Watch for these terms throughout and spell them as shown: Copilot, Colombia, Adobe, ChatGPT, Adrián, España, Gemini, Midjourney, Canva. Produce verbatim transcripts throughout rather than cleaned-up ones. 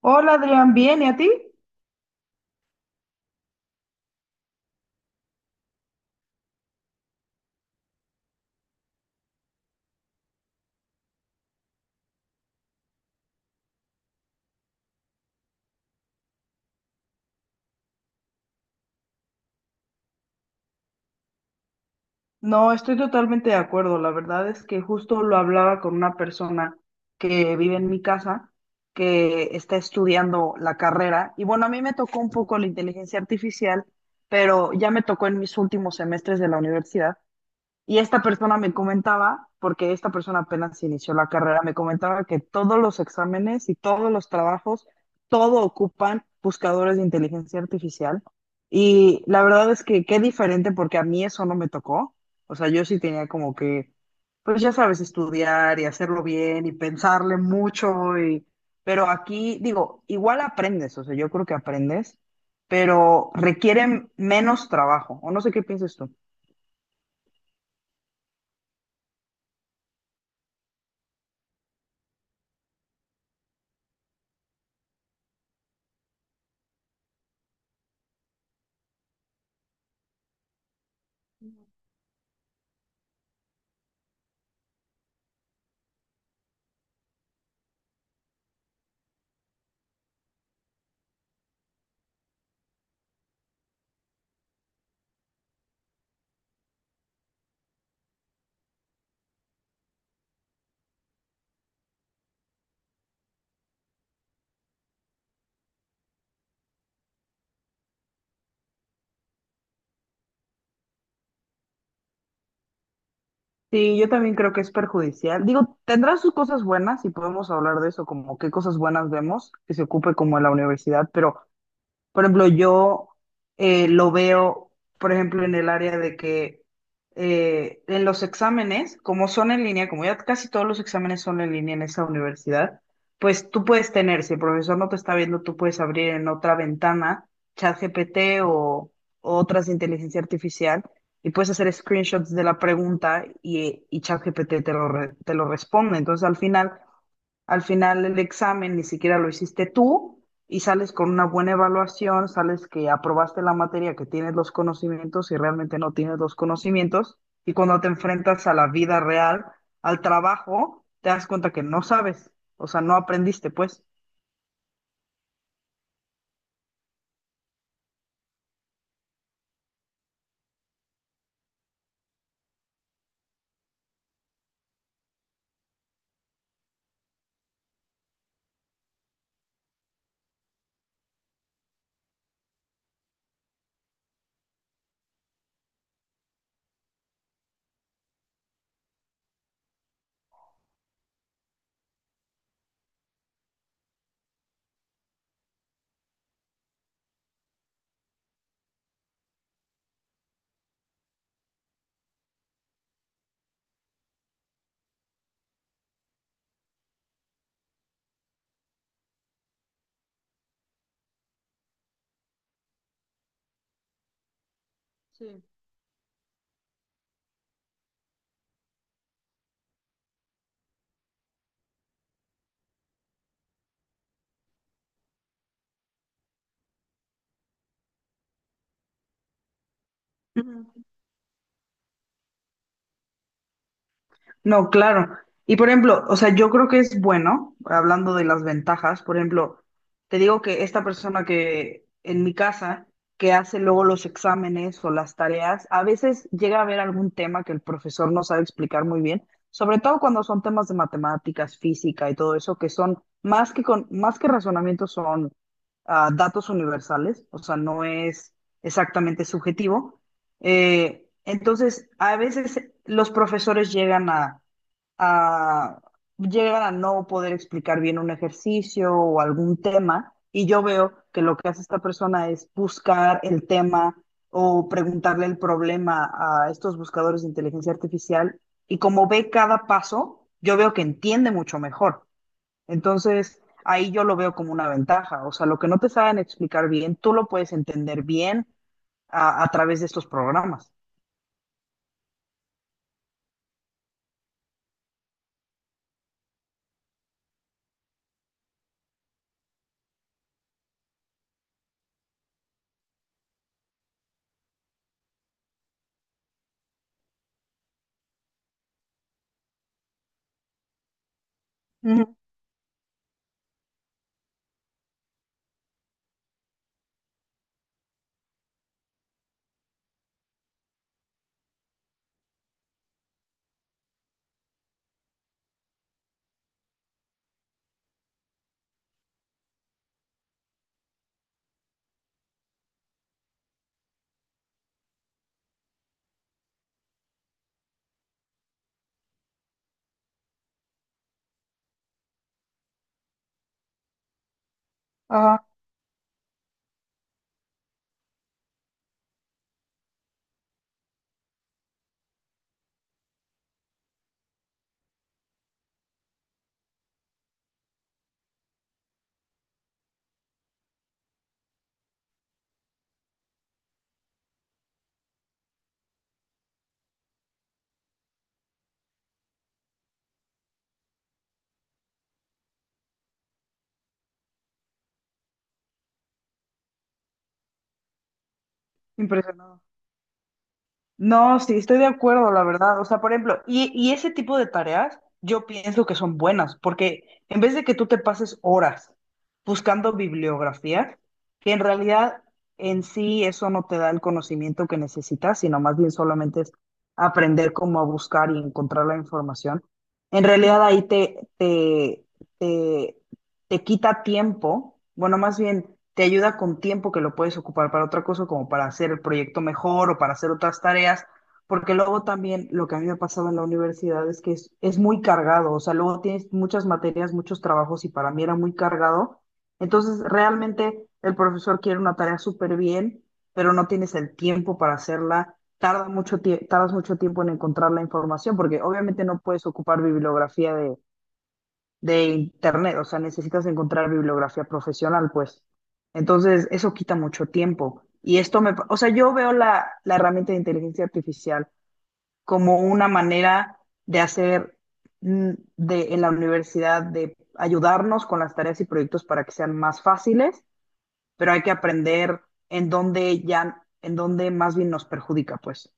Hola Adrián, ¿bien? ¿Y a ti? No, estoy totalmente de acuerdo. La verdad es que justo lo hablaba con una persona que vive en mi casa, que está estudiando la carrera. Y bueno, a mí me tocó un poco la inteligencia artificial, pero ya me tocó en mis últimos semestres de la universidad. Y esta persona me comentaba, porque esta persona apenas inició la carrera, me comentaba que todos los exámenes y todos los trabajos, todo ocupan buscadores de inteligencia artificial. Y la verdad es que qué diferente, porque a mí eso no me tocó. O sea, yo sí tenía como que, pues ya sabes, estudiar y hacerlo bien y pensarle mucho Y... Pero aquí, digo, igual aprendes, o sea, yo creo que aprendes, pero requieren menos trabajo. O no sé qué piensas tú. Sí, yo también creo que es perjudicial. Digo, tendrá sus cosas buenas y podemos hablar de eso, como qué cosas buenas vemos que se ocupe como en la universidad, pero por ejemplo, yo eh, lo veo, por ejemplo, en el área de que eh, en los exámenes, como son en línea, como ya casi todos los exámenes son en línea en esa universidad, pues tú puedes tener, si el profesor no te está viendo, tú puedes abrir en otra ventana ChatGPT o, o otras de inteligencia artificial y puedes hacer screenshots de la pregunta y, y ChatGPT te lo, re- te lo responde. Entonces, al final... al final el examen ni siquiera lo hiciste tú, y sales con una buena evaluación, sales que aprobaste la materia, que tienes los conocimientos y realmente no tienes los conocimientos. Y cuando te enfrentas a la vida real, al trabajo, te das cuenta que no sabes, o sea, no aprendiste, pues. Sí. Ujú. No, claro. Y por ejemplo, o sea, yo creo que es bueno, hablando de las ventajas, por ejemplo, te digo que esta persona que en mi casa, que hace luego los exámenes o las tareas, a veces llega a haber algún tema que el profesor no sabe explicar muy bien, sobre todo cuando son temas de matemáticas, física y todo eso, que son más que con, más que razonamiento, son ah, datos universales, o sea, no es exactamente subjetivo. Eh, entonces, a veces los profesores llegan a a, llegan a no poder explicar bien un ejercicio o algún tema, y yo veo que lo que hace esta persona es buscar el tema o preguntarle el problema a estos buscadores de inteligencia artificial, y como ve cada paso, yo veo que entiende mucho mejor. Entonces, ahí yo lo veo como una ventaja, o sea, lo que no te saben explicar bien, tú lo puedes entender bien a, a través de estos programas. Ujú. Ajá. Impresionado. No, sí, estoy de acuerdo, la verdad. O sea, por ejemplo, y, y ese tipo de tareas yo pienso que son buenas, porque en vez de que tú te pases horas buscando bibliografía, que en realidad en sí eso no te da el conocimiento que necesitas, sino más bien solamente es aprender cómo a buscar y encontrar la información, en realidad ahí te, te, te te quita tiempo, bueno, más bien te ayuda con tiempo que lo puedes ocupar para otra cosa, como para hacer el proyecto mejor o para hacer otras tareas, porque luego también lo que a mí me ha pasado en la universidad es que es, es muy cargado, o sea, luego tienes muchas materias, muchos trabajos y para mí era muy cargado, entonces realmente el profesor quiere una tarea súper bien, pero no tienes el tiempo para hacerla. Tarda mucho tie- tardas mucho tiempo en encontrar la información, porque obviamente no puedes ocupar bibliografía de de internet, o sea, necesitas encontrar bibliografía profesional, pues. Entonces, eso quita mucho tiempo. Y esto me, pa- o sea, yo veo la, la herramienta de inteligencia artificial como una manera de hacer mm, de, en la universidad, de ayudarnos con las tareas y proyectos para que sean más fáciles, pero hay que aprender en dónde ya, en dónde más bien nos perjudica, pues.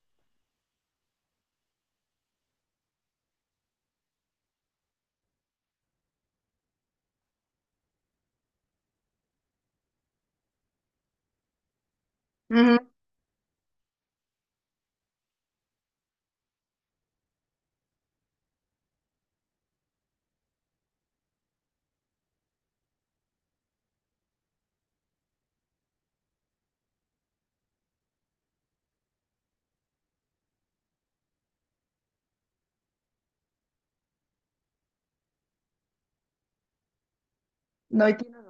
Ujú. No, y tienes.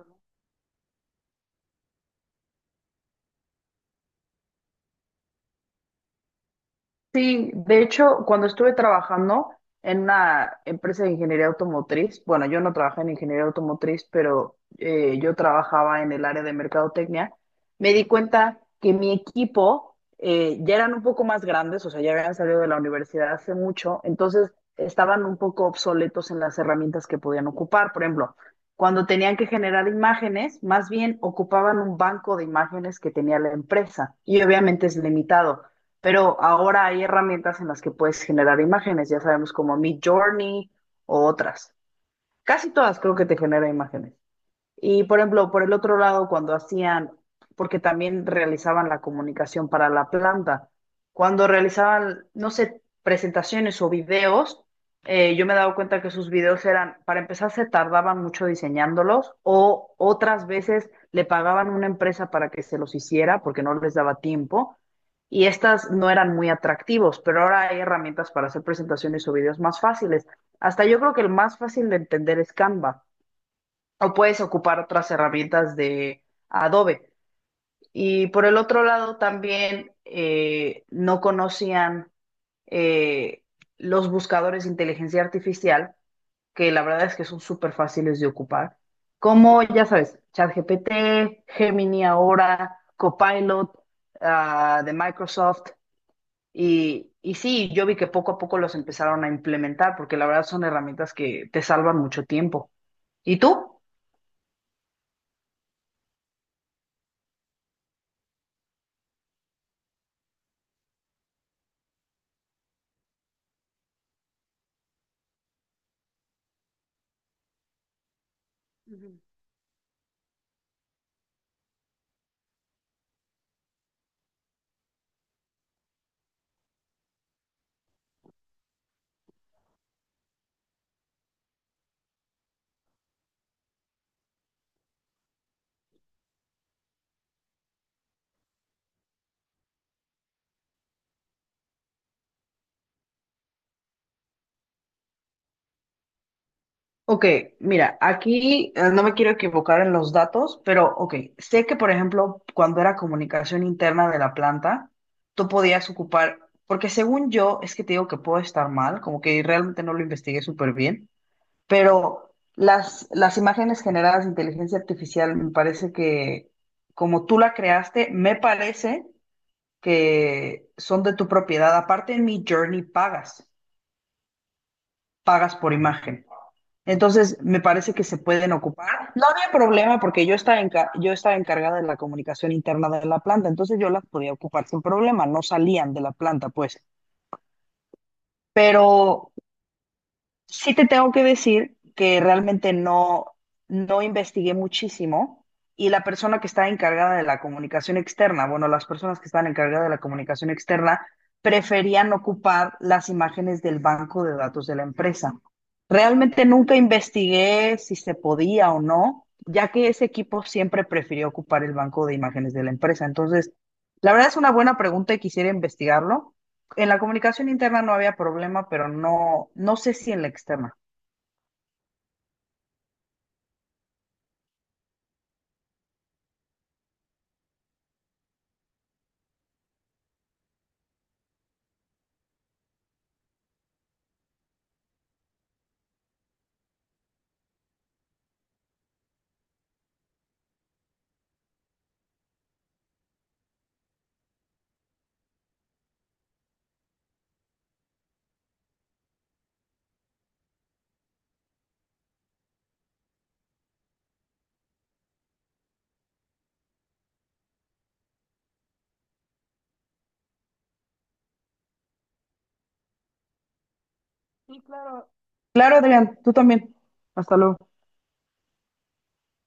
Sí, de hecho, cuando estuve trabajando en una empresa de ingeniería automotriz, bueno, yo no trabajé en ingeniería automotriz, pero eh, yo trabajaba en el área de mercadotecnia, me di cuenta que mi equipo eh, ya eran un poco más grandes, o sea, ya habían salido de la universidad hace mucho, entonces estaban un poco obsoletos en las herramientas que podían ocupar. Por ejemplo, cuando tenían que generar imágenes, más bien ocupaban un banco de imágenes que tenía la empresa y obviamente es limitado. Pero ahora hay herramientas en las que puedes generar imágenes, ya sabemos como Midjourney o otras. Casi todas creo que te genera imágenes. Y por ejemplo, por el otro lado, cuando hacían, porque también realizaban la comunicación para la planta, cuando realizaban, no sé, presentaciones o videos, eh, yo me he dado cuenta que sus videos eran, para empezar, se tardaban mucho diseñándolos o otras veces le pagaban una empresa para que se los hiciera porque no les daba tiempo y estas no eran muy atractivos, pero ahora hay herramientas para hacer presentaciones o videos más fáciles. Hasta yo creo que el más fácil de entender es Canva o puedes ocupar otras herramientas de Adobe. Y por el otro lado, también eh, no conocían eh, los buscadores de inteligencia artificial, que la verdad es que son súper fáciles de ocupar, como ya sabes, ChatGPT, Gemini ahora, Copilot ah, de Microsoft. Y, y sí, yo vi que poco a poco los empezaron a implementar, porque la verdad son herramientas que te salvan mucho tiempo. ¿Y tú? Ujú. Ok, mira, aquí eh, no me quiero equivocar en los datos, pero ok, sé que por ejemplo, cuando era comunicación interna de la planta, tú podías ocupar, porque según yo, es que te digo que puedo estar mal, como que realmente no lo investigué súper bien, pero las, las imágenes generadas de inteligencia artificial me parece que, como tú la creaste, me parece que son de tu propiedad. Aparte en mi Journey pagas, pagas por imagen. Entonces, me parece que se pueden ocupar. No había problema porque yo estaba, enca- yo estaba encargada de la comunicación interna de la planta, entonces yo las podía ocupar sin problema, no salían de la planta, pues. Pero sí te tengo que decir que realmente no, no investigué muchísimo y la persona que está encargada de la comunicación externa, bueno, las personas que están encargadas de la comunicación externa preferían ocupar las imágenes del banco de datos de la empresa. Realmente nunca investigué si se podía o no, ya que ese equipo siempre prefirió ocupar el banco de imágenes de la empresa. Entonces, la verdad es una buena pregunta y quisiera investigarlo en la comunicación interna no había problema, pero no, no sé si en la externa. Sí, claro. Claro, Adrián, tú también. Hasta luego.